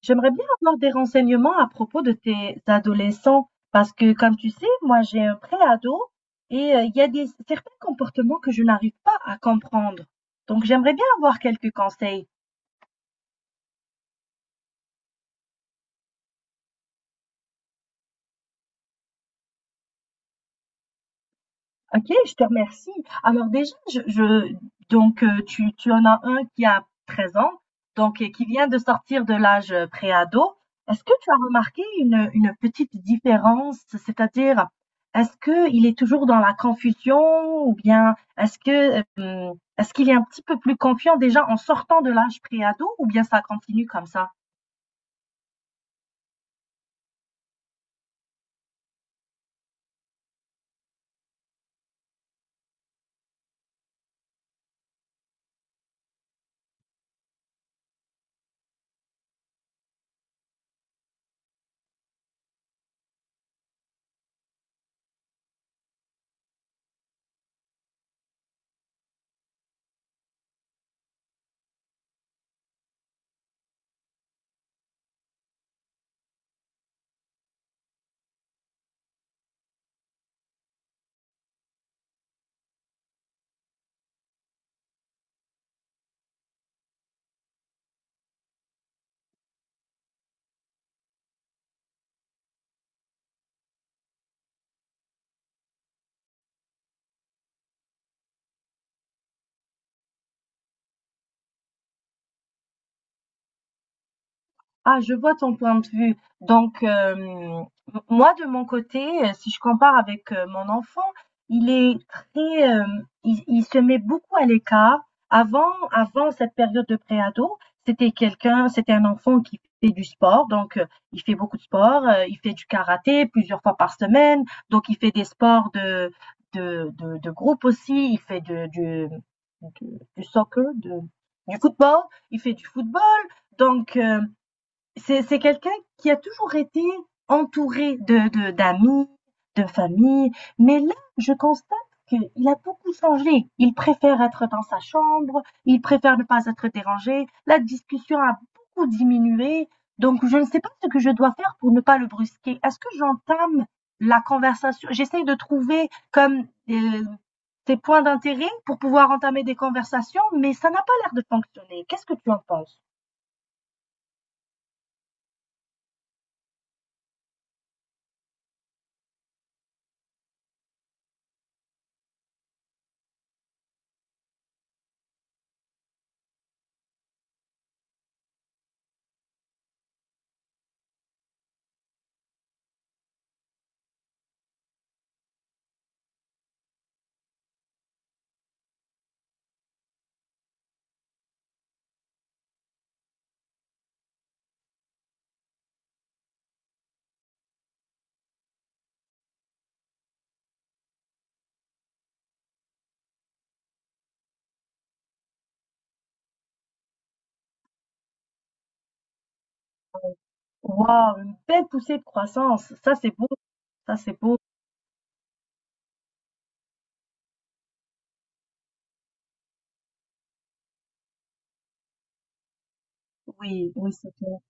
J'aimerais bien avoir des renseignements à propos de tes adolescents parce que, comme tu sais, moi j'ai un pré-ado et il y a certains comportements que je n'arrive pas à comprendre. Donc j'aimerais bien avoir quelques conseils. Ok, je te remercie. Alors déjà, donc tu en as un qui a 13 ans, donc qui vient de sortir de l'âge préado. Est-ce que tu as remarqué une petite différence, c'est-à-dire est-ce que il est toujours dans la confusion ou bien est-ce qu'il est un petit peu plus confiant déjà en sortant de l'âge préado, ou bien ça continue comme ça? Ah, je vois ton point de vue. Donc, moi, de mon côté, si je compare avec mon enfant, il est il se met beaucoup à l'écart. Avant cette période de préado, c'était un enfant qui fait du sport. Donc, il fait beaucoup de sport. Il fait du karaté plusieurs fois par semaine. Donc, il fait des sports de groupe aussi. Il fait du, du soccer, du football. Il fait du football. Donc, c'est quelqu'un qui a toujours été entouré de d'amis, de famille, mais là, je constate qu'il a beaucoup changé. Il préfère être dans sa chambre, il préfère ne pas être dérangé. La discussion a beaucoup diminué, donc je ne sais pas ce que je dois faire pour ne pas le brusquer. Est-ce que j'entame la conversation? J'essaie de trouver ses points d'intérêt pour pouvoir entamer des conversations, mais ça n'a pas l'air de fonctionner. Qu'est-ce que tu en penses? Wow, une belle poussée de croissance. Ça, c'est beau. Ça, c'est beau. Oui, oui, c'est clair.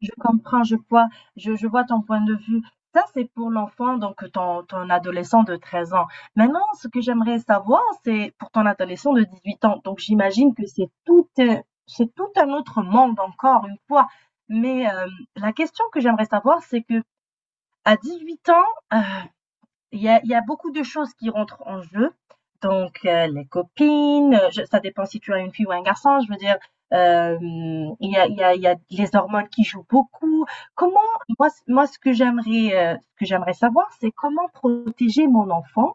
Je comprends, je vois, je vois ton point de vue. Ça, c'est pour l'enfant, donc ton adolescent de 13 ans. Maintenant, ce que j'aimerais savoir, c'est pour ton adolescent de 18 ans. Donc, j'imagine que c'est c'est tout un autre monde encore une fois. Mais la question que j'aimerais savoir, c'est que à 18 ans, euh, il y a, il y a beaucoup de choses qui rentrent en jeu. Donc, les copines, ça dépend si tu as une fille ou un garçon, je veux dire, euh, il y a, il y a les hormones qui jouent beaucoup. Comment, moi ce que ce que j'aimerais savoir, c'est comment protéger mon enfant,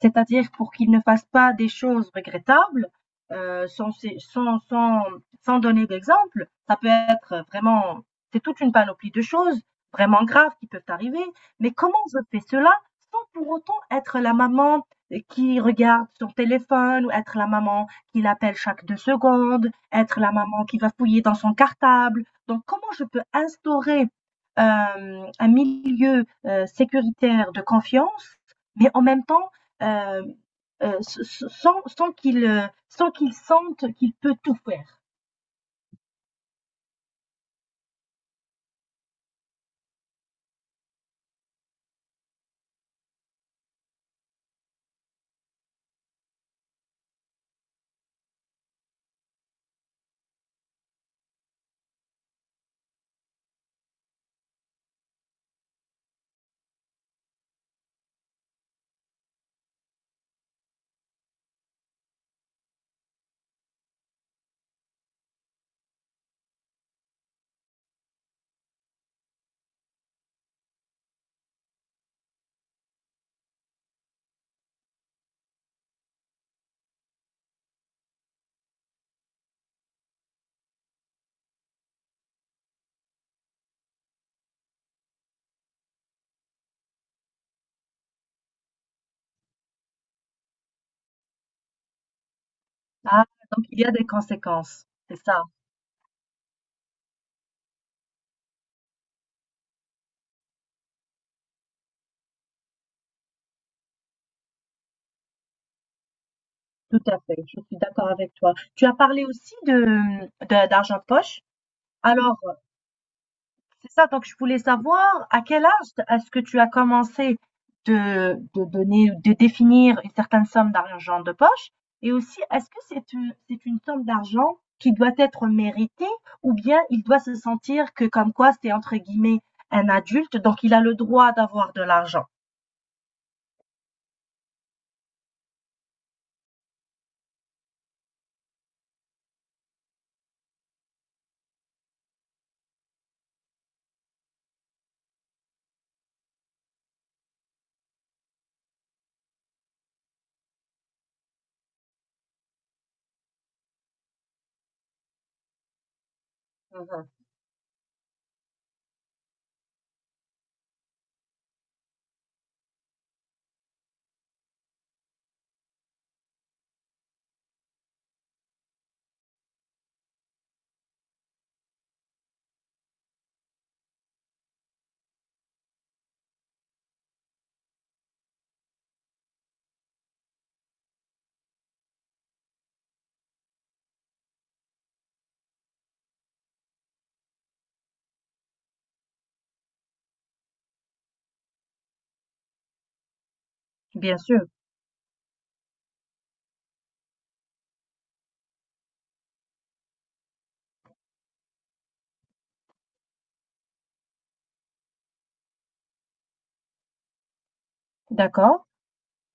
c'est-à-dire pour qu'ils ne fassent pas des choses regrettables, euh, sans, sans, sans, sans donner d'exemple. Ça peut être vraiment, c'est toute une panoplie de choses vraiment graves qui peuvent arriver. Mais comment je fais cela sans pour autant être la maman qui regarde son téléphone ou être la maman qui l'appelle chaque deux secondes, être la maman qui va fouiller dans son cartable. Donc comment je peux instaurer un milieu sécuritaire de confiance, mais en même temps euh, euh, sans qu'il sente qu'il peut tout faire. Ah, donc il y a des conséquences. C'est ça, tout à fait. Je suis d'accord avec toi. Tu as parlé aussi d'argent de poche. Alors, c'est ça, donc je voulais savoir à quel âge est-ce que tu as commencé de définir une certaine somme d'argent de poche? Et aussi, est-ce que c'est c'est une somme d'argent qui doit être méritée ou bien il doit se sentir que comme quoi c'est entre guillemets un adulte, donc il a le droit d'avoir de l'argent? Mhm. Bien sûr, d'accord.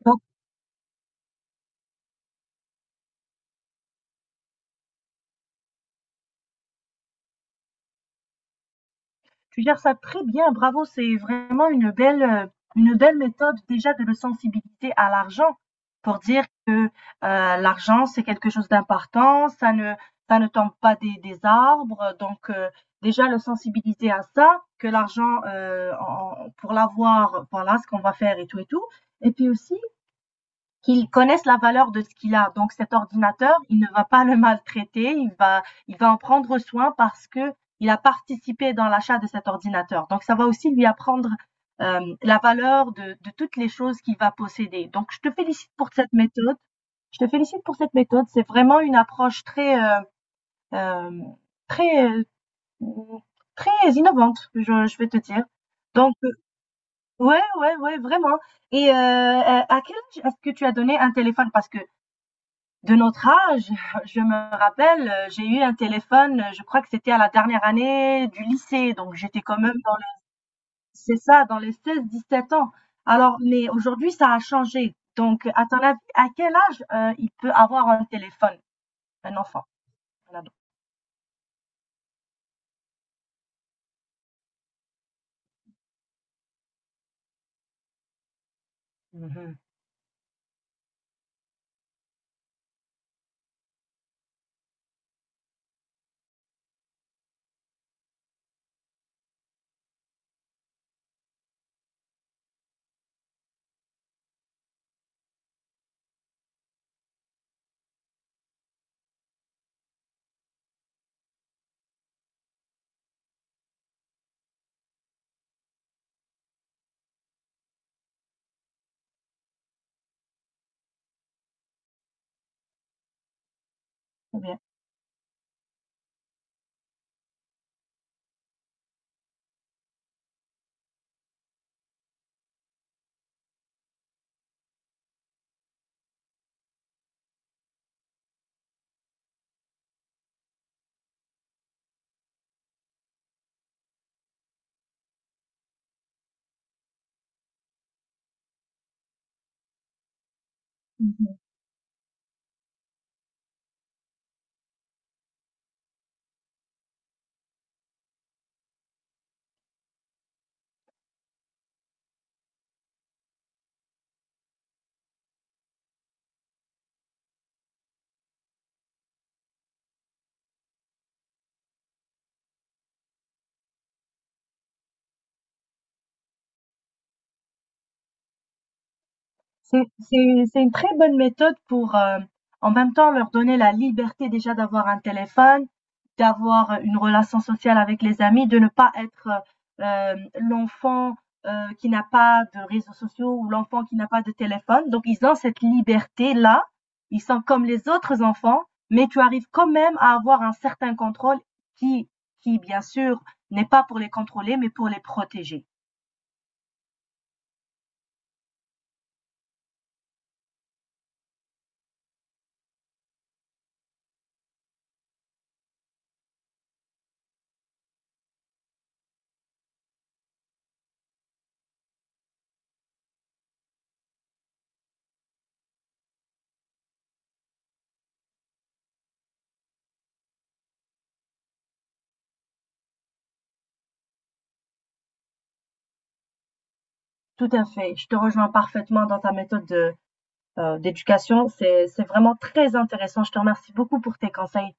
Donc tu gères ça très bien, bravo, c'est vraiment une une belle méthode déjà de le sensibiliser à l'argent pour dire que l'argent c'est quelque chose d'important, ça ne tombe pas des arbres, donc déjà le sensibiliser à ça, que l'argent pour l'avoir, voilà ce qu'on va faire et tout et tout. Et puis aussi qu'ils connaissent la valeur de ce qu'il a. Donc cet ordinateur, il ne va pas le maltraiter, il va en prendre soin parce que il a participé dans l'achat de cet ordinateur. Donc ça va aussi lui apprendre la valeur de toutes les choses qu'il va posséder. Donc je te félicite pour cette méthode. Je te félicite pour cette méthode. C'est vraiment une approche euh, très, euh, très innovante, je vais te dire. Donc, ouais, ouais, ouais, vraiment. Et à quel âge est-ce que tu as donné un téléphone? Parce que de notre âge, je me rappelle, j'ai eu un téléphone, je crois que c'était à la dernière année du lycée, donc j'étais quand même c'est ça, dans les seize, dix-sept ans. Alors, mais aujourd'hui, ça a changé. Donc, à ton avis, à quel âge, il peut avoir un téléphone, un enfant, un ado? Mmh mh. Combien? C'est une très bonne méthode pour, en même temps leur donner la liberté déjà d'avoir un téléphone, d'avoir une relation sociale avec les amis, de ne pas être, l'enfant, qui n'a pas de réseaux sociaux ou l'enfant qui n'a pas de téléphone. Donc ils ont cette liberté-là, ils sont comme les autres enfants, mais tu arrives quand même à avoir un certain contrôle qui qui bien sûr n'est pas pour les contrôler, mais pour les protéger. Tout à fait, je te rejoins parfaitement dans ta méthode de d'éducation. C'est vraiment très intéressant. Je te remercie beaucoup pour tes conseils.